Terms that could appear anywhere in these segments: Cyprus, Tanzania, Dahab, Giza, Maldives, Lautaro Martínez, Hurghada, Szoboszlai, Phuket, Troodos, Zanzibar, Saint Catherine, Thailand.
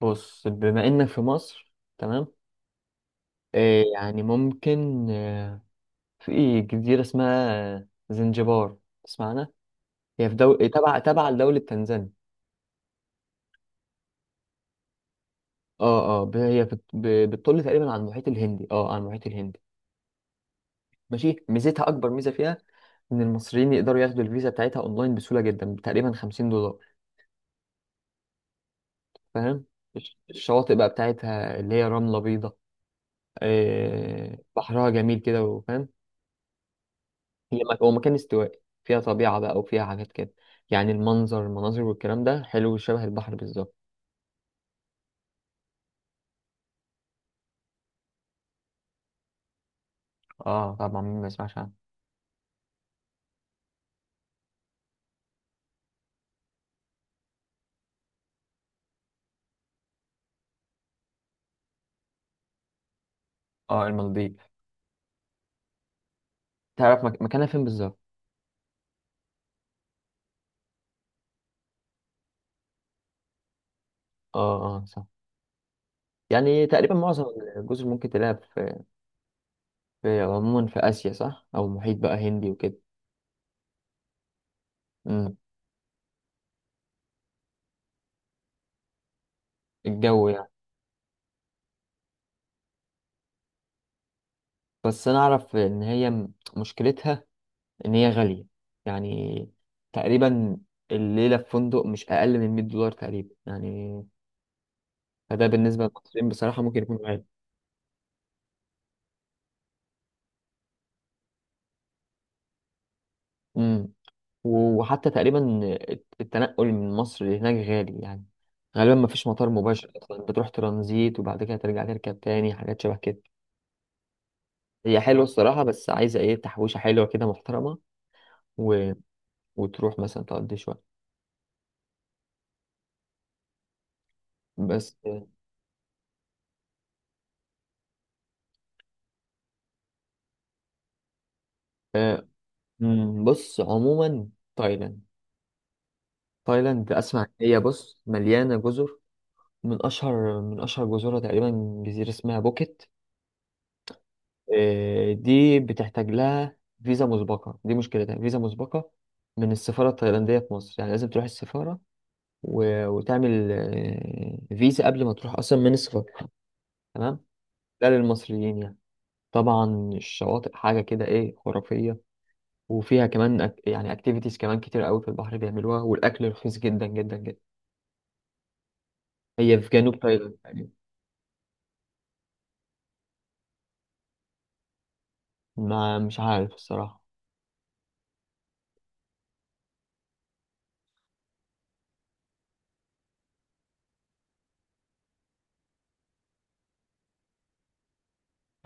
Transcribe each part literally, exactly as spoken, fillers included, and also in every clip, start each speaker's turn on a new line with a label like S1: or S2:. S1: بص، بما انك في مصر، تمام. آه يعني ممكن آه في جزيرة اسمها زنجبار. تسمعنا؟ هي في دو... تبع تبع لدولة تنزانيا. اه اه ب- هي بت... ب... بتطل تقريبا على المحيط الهندي اه على المحيط الهندي ماشي، ميزتها اكبر ميزة فيها ان المصريين يقدروا ياخدوا الفيزا بتاعتها اونلاين بسهولة جدا، تقريبا خمسين دولار. فاهم؟ الش- الشواطئ بقى بتاعتها اللي هي رملة بيضاء. آه بحرها جميل كده، وفاهم؟ هي مك- هو مكان استوائي، فيها طبيعة بقى وفيها حاجات كده. يعني المنظر، المناظر والكلام ده حلو، شبه البحر بالظبط. اه، طبعا مين ما يسمعش عنه. اه، المالديف. تعرف مك... مكانها فين بالظبط؟ اه، اه، صح. يعني تقريبا معظم الجزر ممكن تلاقيها في... في عموما في آسيا، صح، أو محيط بقى هندي وكده. امم. الجو، يعني. بس أنا أعرف إن هي م- مشكلتها إن هي غالية، يعني. تقريبا الليلة في فندق مش أقل من مية دولار تقريبا، يعني. فده بالنسبة للمصريين بصراحة ممكن يكون غالي. امم. وحتى تقريبا التنقل من مصر لهناك غالي، يعني. غالبا ما فيش مطار مباشر اصلا، بتروح ترانزيت وبعد كده ترجع تركب تاني، حاجات شبه كده. هي حلوه الصراحه، بس عايزه ايه، تحويشه حلوه كده محترمه و... وتروح مثلا تقضي شويه بس. آه، مم، بص عموما، تايلاند. تايلاند اسمع، هي بص مليانه جزر. من اشهر من اشهر جزرها تقريبا جزيره اسمها بوكيت. آه، دي بتحتاج لها فيزا مسبقة، دي مشكلتها فيزا مسبقة من السفارة التايلاندية في مصر، يعني لازم تروح السفارة و... وتعمل آه، فيزا قبل ما تروح أصلا من السفارة، تمام. ده للمصريين، يعني. طبعا الشواطئ حاجة كده إيه، خرافية. وفيها كمان أك... يعني أكتيفيتيز كمان كتير قوي في البحر بيعملوها، والأكل رخيص جدا جدا جدا. هي في جنوب تايلاند، يعني. ما مش عارف الصراحة.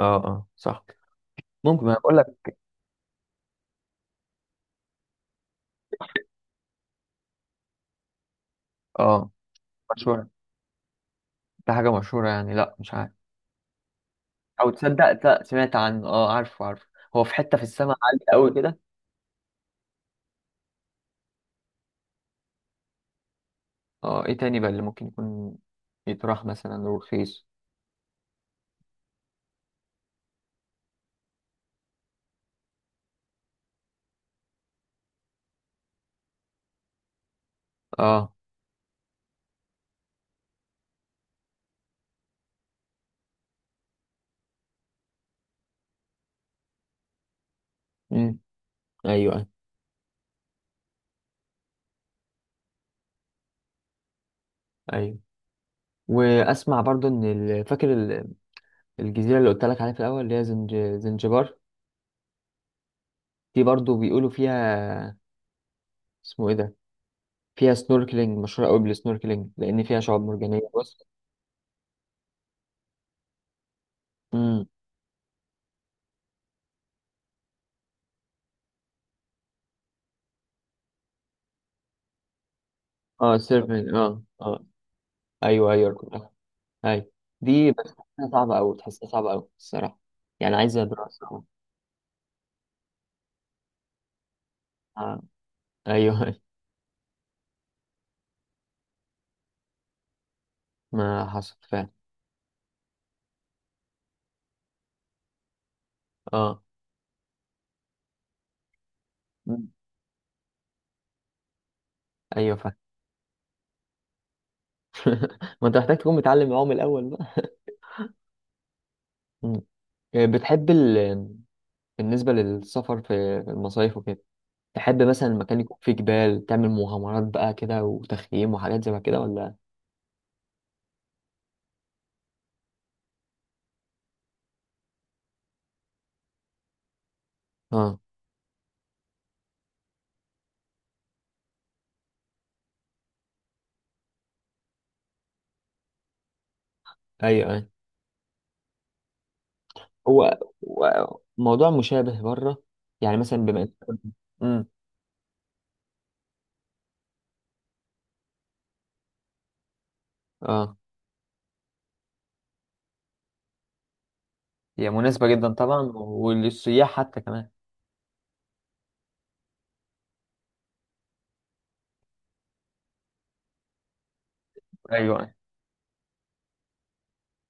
S1: اه، اه، صح. ممكن أنا بقول لك. اه، مشهورة. ده حاجة مشهورة، يعني لا مش عارف. او تصدق، لا، سمعت عنه، اه، عارفه عارفه. هو في حتة في السماء عالية قوي كده. اه، ايه تاني بقى اللي ممكن يكون يتراح مثلا ورخيص. اه. امم. ايوه، ايوه، ايوه. واسمع برضو ان ال- فاكر ال- الجزيرة اللي قلت لك عليها في الاول اللي هي زنج... زنجبار، دي برضو بيقولوا فيها، اسمه ايه ده، فيها سنوركلينج، مشهورة قوي بالسنوركلينج لان فيها شعاب مرجانية، بص. امم. اه، سيرفين، اه، اه. ايوه، ايوه، كنت- ايوه. دي بس تحسها صعبة أوي، تحسها صعبة أوي الصراحة. يعني عايزة دراسة. آه. ايوه. ما حصل فعلا. اه. مم. ايوه، فعلا. ما انت محتاج تكون متعلم معاهم الاول بقى. مم. آه، بتحب ال... بالنسبه للسفر في المصايف وكده، تحب مثلا المكان يكون فيه جبال، تعمل مغامرات بقى كده، وتخييم وحاجات زي كده، ولا؟ اه، ايوه، ايوه. هو هو موضوع مشابه بره، يعني مثلا بما انت. امم. اه. هي مناسبه جدا طبعا، وللسياح حتى كمان. ايوه، أيوة.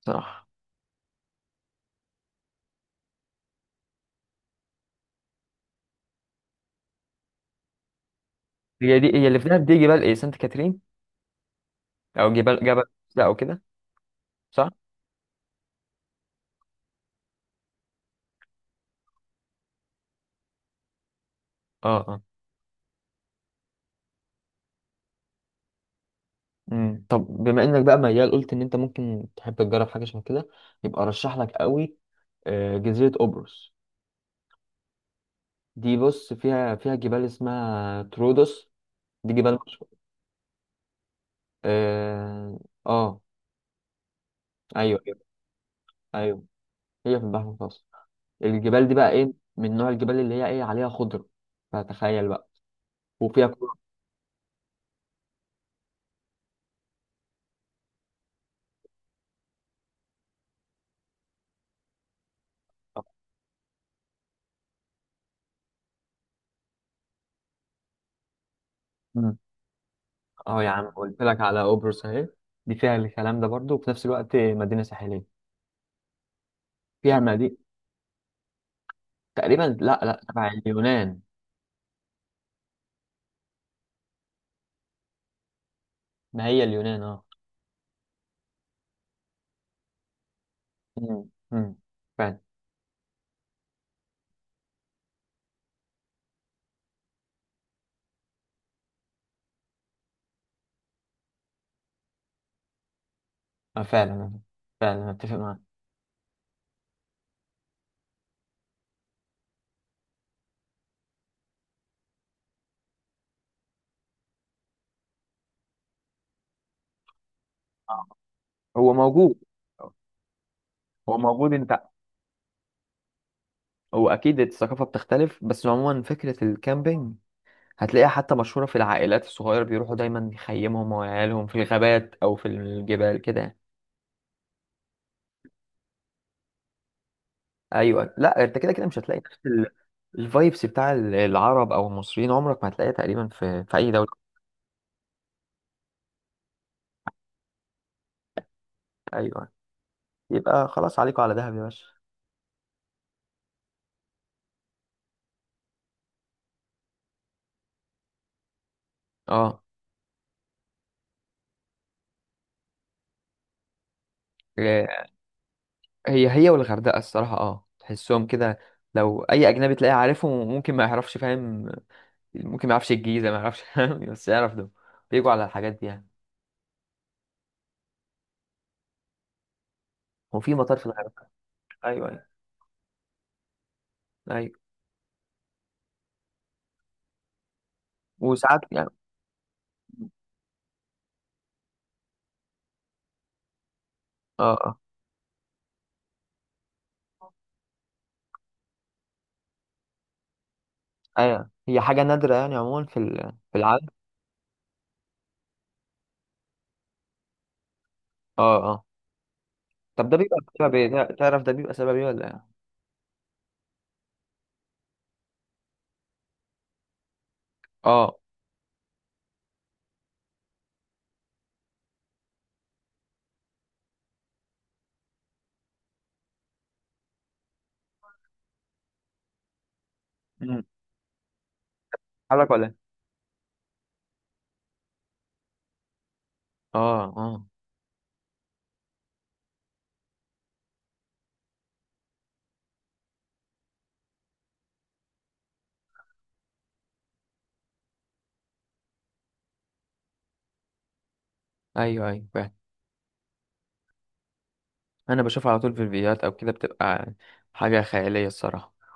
S1: صح. هي دي، هي اللي في دهب، دي جبال ايه سانت كاترين، او جبال جبل ده او كده، صح. اه، اه. امم طب بما انك بقى ميال، قلت ان انت ممكن تحب تجرب حاجه شبه كده، يبقى ارشح لك قوي آه، جزيره قبرص. دي بص فيها فيها جبال اسمها ترودوس، دي جبال مشهورة. اه. آه. ايوه، ايوه. ايوه، هي في البحر المتوسط. الجبال دي بقى ايه، من نوع الجبال اللي هي ايه، عليها خضره، فتخيل بقى، وفيها كل. مم. اه، يا عم قلت لك على قبرص اهي، دي فيها الكلام ده برضو، وفي نفس الوقت مدينه ساحليه، فيها مدينة تقريبا. لا، لا، تبع اليونان، ما هي اليونان، اه. مم. مم. فعلا. آه، فعلا. آه، فعلا اتفق معاك. آه. هو موجود. هو موجود، انت، هو اكيد الثقافه بتختلف، بس عموما فكره الكامبينج هتلاقيها حتى مشهوره، في العائلات الصغيره بيروحوا دايما يخيمهم وعيالهم في الغابات او في الجبال كده. ايوه، لا انت كده كده مش هتلاقي نفس ال- الفايبس بتاع ال- العرب او المصريين، عمرك ما هتلاقيها تقريبا في في اي دوله. ايوه. يبقى خلاص عليكم على دهب يا باشا. اه، هي هي والغردقة الصراحة، اه تحسهم كده. لو أي أجنبي تلاقيه عارفهم، ممكن ما يعرفش، فاهم؟ ممكن ما يعرفش الجيزة، ما يعرفش، فاهم، بس يعرف ده، بيجوا على الحاجات دي يعني. هو في مطار في الغردقة. أيوه، أيوه، أيوه. وساعات يعني. اه، اه. أيوه، هي حاجة نادرة يعني عموما في ال- في العالم. اه، اه. طب ده بيبقى بسبب ايه؟ ده- تعرف ده بيبقى سبب ايه ولا ايه؟ اه. مم. حرك ولا ايه؟ اه، اه. ايوه، ايوه، فعلا. انا بشوفها على طول في الفيديوهات او كده، بتبقى حاجة خيالية الصراحة.